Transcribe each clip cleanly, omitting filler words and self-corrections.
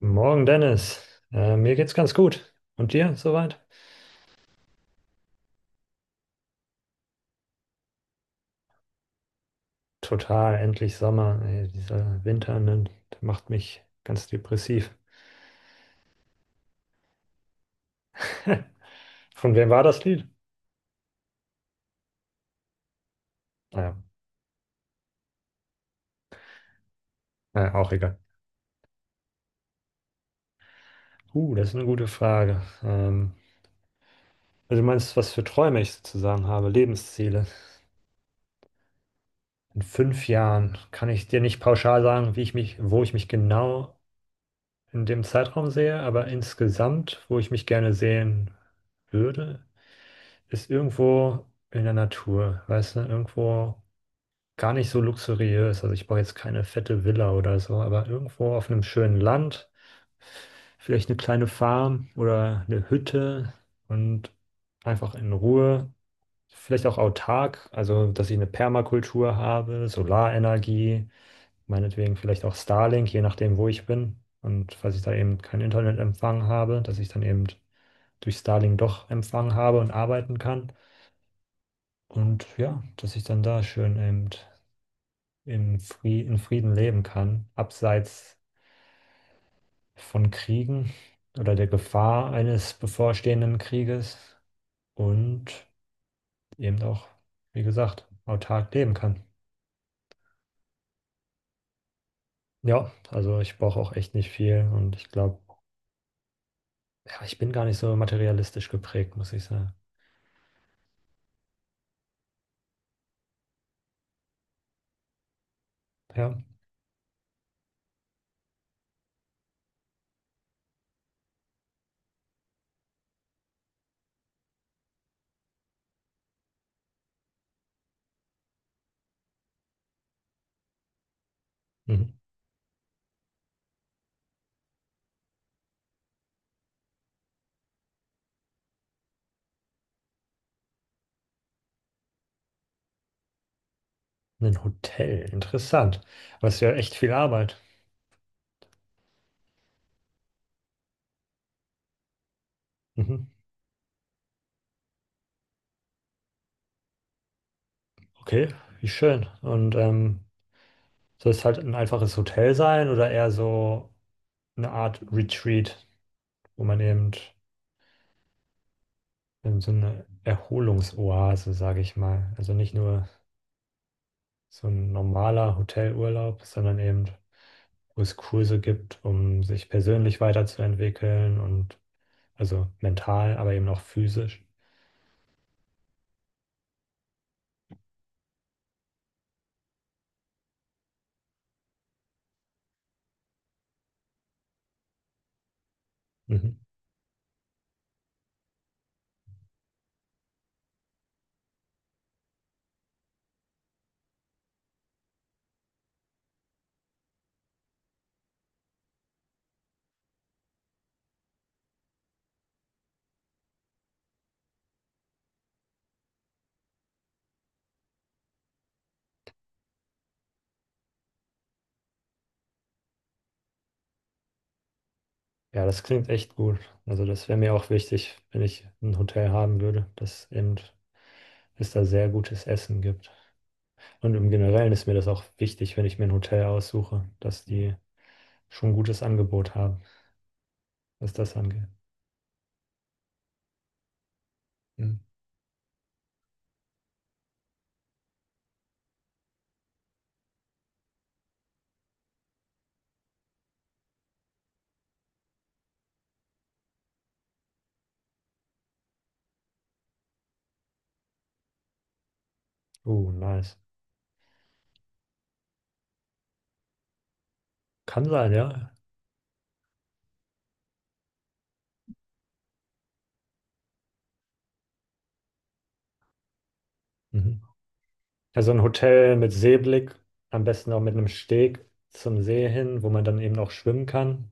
Morgen, Dennis. Mir geht's ganz gut. Und dir soweit? Total, endlich Sommer. Ey, dieser Winter, ne, der macht mich ganz depressiv. Von wem war das Lied? Naja, auch egal. Das ist eine gute Frage. Also du meinst, was für Träume ich sozusagen habe, Lebensziele. In 5 Jahren kann ich dir nicht pauschal sagen, wie ich mich, wo ich mich genau in dem Zeitraum sehe, aber insgesamt, wo ich mich gerne sehen würde, ist irgendwo in der Natur, weißt du, irgendwo gar nicht so luxuriös. Also ich brauche jetzt keine fette Villa oder so, aber irgendwo auf einem schönen Land, vielleicht eine kleine Farm oder eine Hütte und einfach in Ruhe. Vielleicht auch autark, also dass ich eine Permakultur habe, Solarenergie, meinetwegen vielleicht auch Starlink, je nachdem, wo ich bin. Und falls ich da eben keinen Internetempfang habe, dass ich dann eben durch Starlink doch Empfang habe und arbeiten kann. Und ja, dass ich dann da schön eben in Frieden leben kann, abseits von Kriegen oder der Gefahr eines bevorstehenden Krieges und eben auch, wie gesagt, autark leben kann. Ja, also ich brauche auch echt nicht viel und ich glaube, ja, ich bin gar nicht so materialistisch geprägt, muss ich sagen. Ja, mhm. Ein Hotel, interessant. Aber es ist ja echt viel Arbeit. Mhm. Okay, wie schön. Und soll es halt ein einfaches Hotel sein oder eher so eine Art Retreat, wo man eben in so eine Erholungsoase, sage ich mal. Also nicht nur so ein normaler Hotelurlaub, sondern eben, wo es Kurse gibt, um sich persönlich weiterzuentwickeln und also mental, aber eben auch physisch. Mhm. Ja, das klingt echt gut. Also das wäre mir auch wichtig, wenn ich ein Hotel haben würde, dass eben es da sehr gutes Essen gibt. Und im Generellen ist mir das auch wichtig, wenn ich mir ein Hotel aussuche, dass die schon ein gutes Angebot haben, was das angeht. Mhm. Oh, nice. Kann sein, ja. Mhm. Also ein Hotel mit Seeblick, am besten auch mit einem Steg zum See hin, wo man dann eben auch schwimmen kann.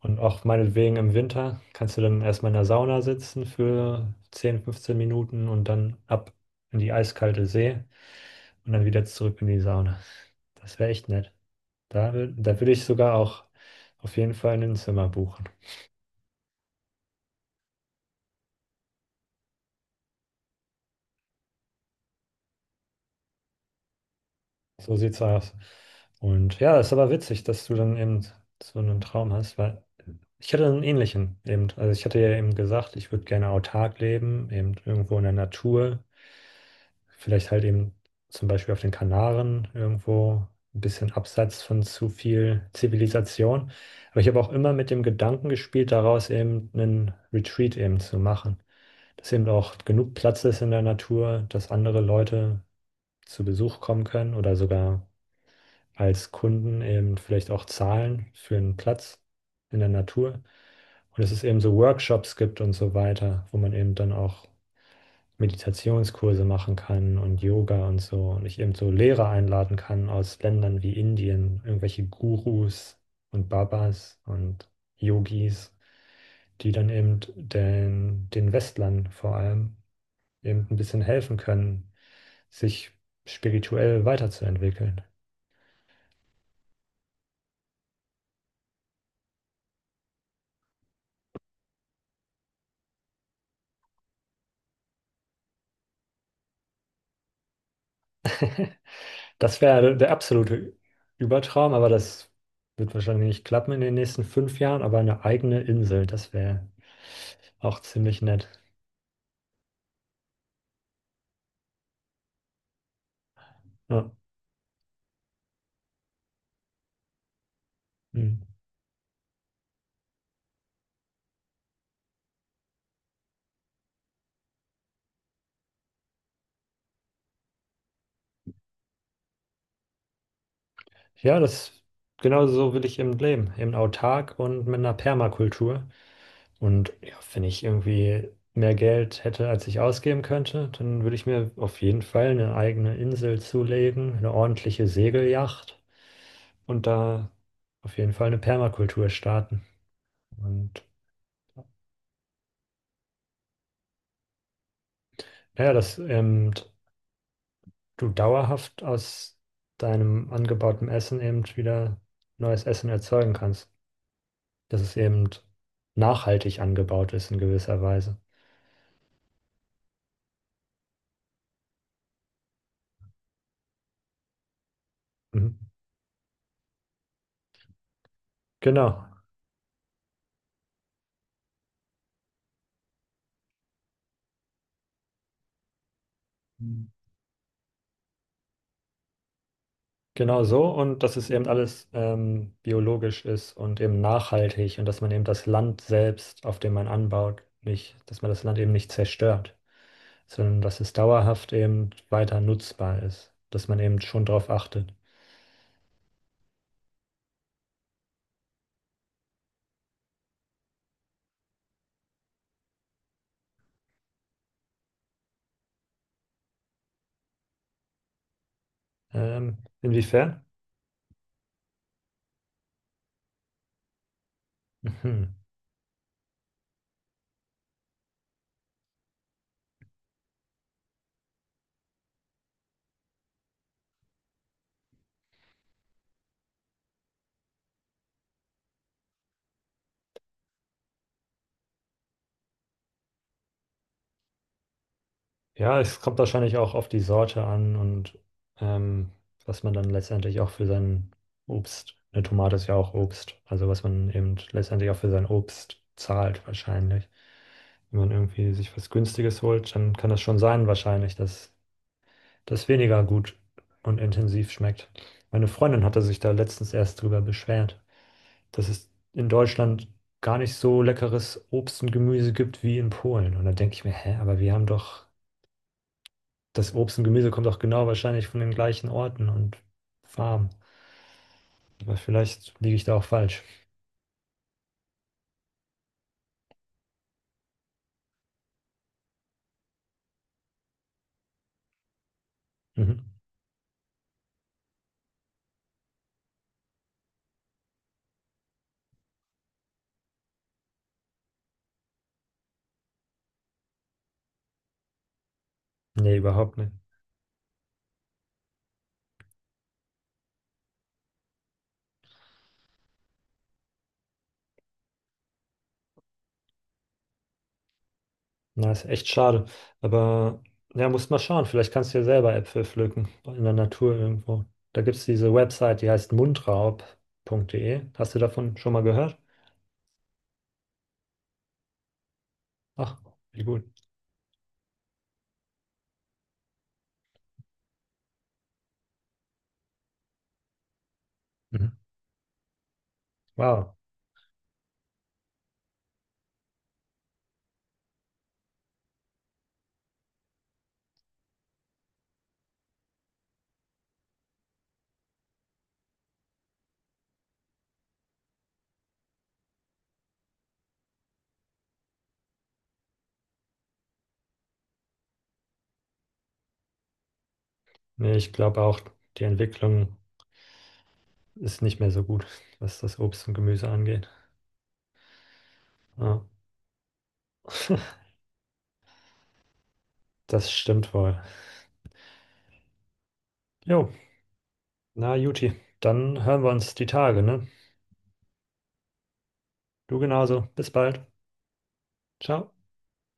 Und auch meinetwegen im Winter kannst du dann erstmal in der Sauna sitzen für 10, 15 Minuten und dann ab in die eiskalte See und dann wieder zurück in die Sauna. Das wäre echt nett. Da will ich sogar auch auf jeden Fall ein Zimmer buchen. So sieht's aus. Und ja, ist aber witzig, dass du dann eben so einen Traum hast, weil ich hatte einen ähnlichen eben. Also ich hatte ja eben gesagt, ich würde gerne autark leben, eben irgendwo in der Natur. Vielleicht halt eben zum Beispiel auf den Kanaren irgendwo ein bisschen abseits von zu viel Zivilisation. Aber ich habe auch immer mit dem Gedanken gespielt, daraus eben einen Retreat eben zu machen. Dass eben auch genug Platz ist in der Natur, dass andere Leute zu Besuch kommen können oder sogar als Kunden eben vielleicht auch zahlen für einen Platz in der Natur. Und dass es eben so Workshops gibt und so weiter, wo man eben dann auch Meditationskurse machen kann und Yoga und so und ich eben so Lehrer einladen kann aus Ländern wie Indien, irgendwelche Gurus und Babas und Yogis, die dann eben den Westlern vor allem eben ein bisschen helfen können, sich spirituell weiterzuentwickeln. Das wäre der absolute Übertraum, aber das wird wahrscheinlich nicht klappen in den nächsten 5 Jahren, aber eine eigene Insel, das wäre auch ziemlich nett. Ja. Hm. Ja, das genau so will ich eben leben, eben autark und mit einer Permakultur. Und ja, wenn ich irgendwie mehr Geld hätte, als ich ausgeben könnte, dann würde ich mir auf jeden Fall eine eigene Insel zulegen, eine ordentliche Segeljacht und da auf jeden Fall eine Permakultur starten. Und ja, dass eben du dauerhaft aus deinem angebauten Essen eben wieder neues Essen erzeugen kannst, dass es eben nachhaltig angebaut ist in gewisser Weise. Mhm. Genau. Mhm. Genau so. Und dass es eben alles biologisch ist und eben nachhaltig und dass man eben das Land selbst, auf dem man anbaut, nicht, dass man das Land eben nicht zerstört, sondern dass es dauerhaft eben weiter nutzbar ist, dass man eben schon darauf achtet. Inwiefern? Mhm. Ja, es kommt wahrscheinlich auch auf die Sorte an und ähm, was man dann letztendlich auch für sein Obst, eine Tomate ist ja auch Obst, also was man eben letztendlich auch für sein Obst zahlt wahrscheinlich. Wenn man irgendwie sich was Günstiges holt, dann kann das schon sein wahrscheinlich, dass das weniger gut und intensiv schmeckt. Meine Freundin hatte sich da letztens erst drüber beschwert, dass es in Deutschland gar nicht so leckeres Obst und Gemüse gibt wie in Polen. Und da denke ich mir, hä, aber wir haben doch das Obst und Gemüse kommt auch genau wahrscheinlich von den gleichen Orten und Farmen. Aber vielleicht liege ich da auch falsch. Mhm. Nee, überhaupt nicht. Na, ist echt schade. Aber ja, musst mal schauen. Vielleicht kannst du ja selber Äpfel pflücken in der Natur irgendwo. Da gibt es diese Website, die heißt mundraub.de. Hast du davon schon mal gehört? Ach, wie gut. Mhm. Wow. Nee, ich glaube auch, die Entwicklung ist nicht mehr so gut, was das Obst und Gemüse angeht. Ja, das stimmt wohl. Jo. Na, Juti, dann hören wir uns die Tage, ne? Du genauso. Bis bald. Ciao.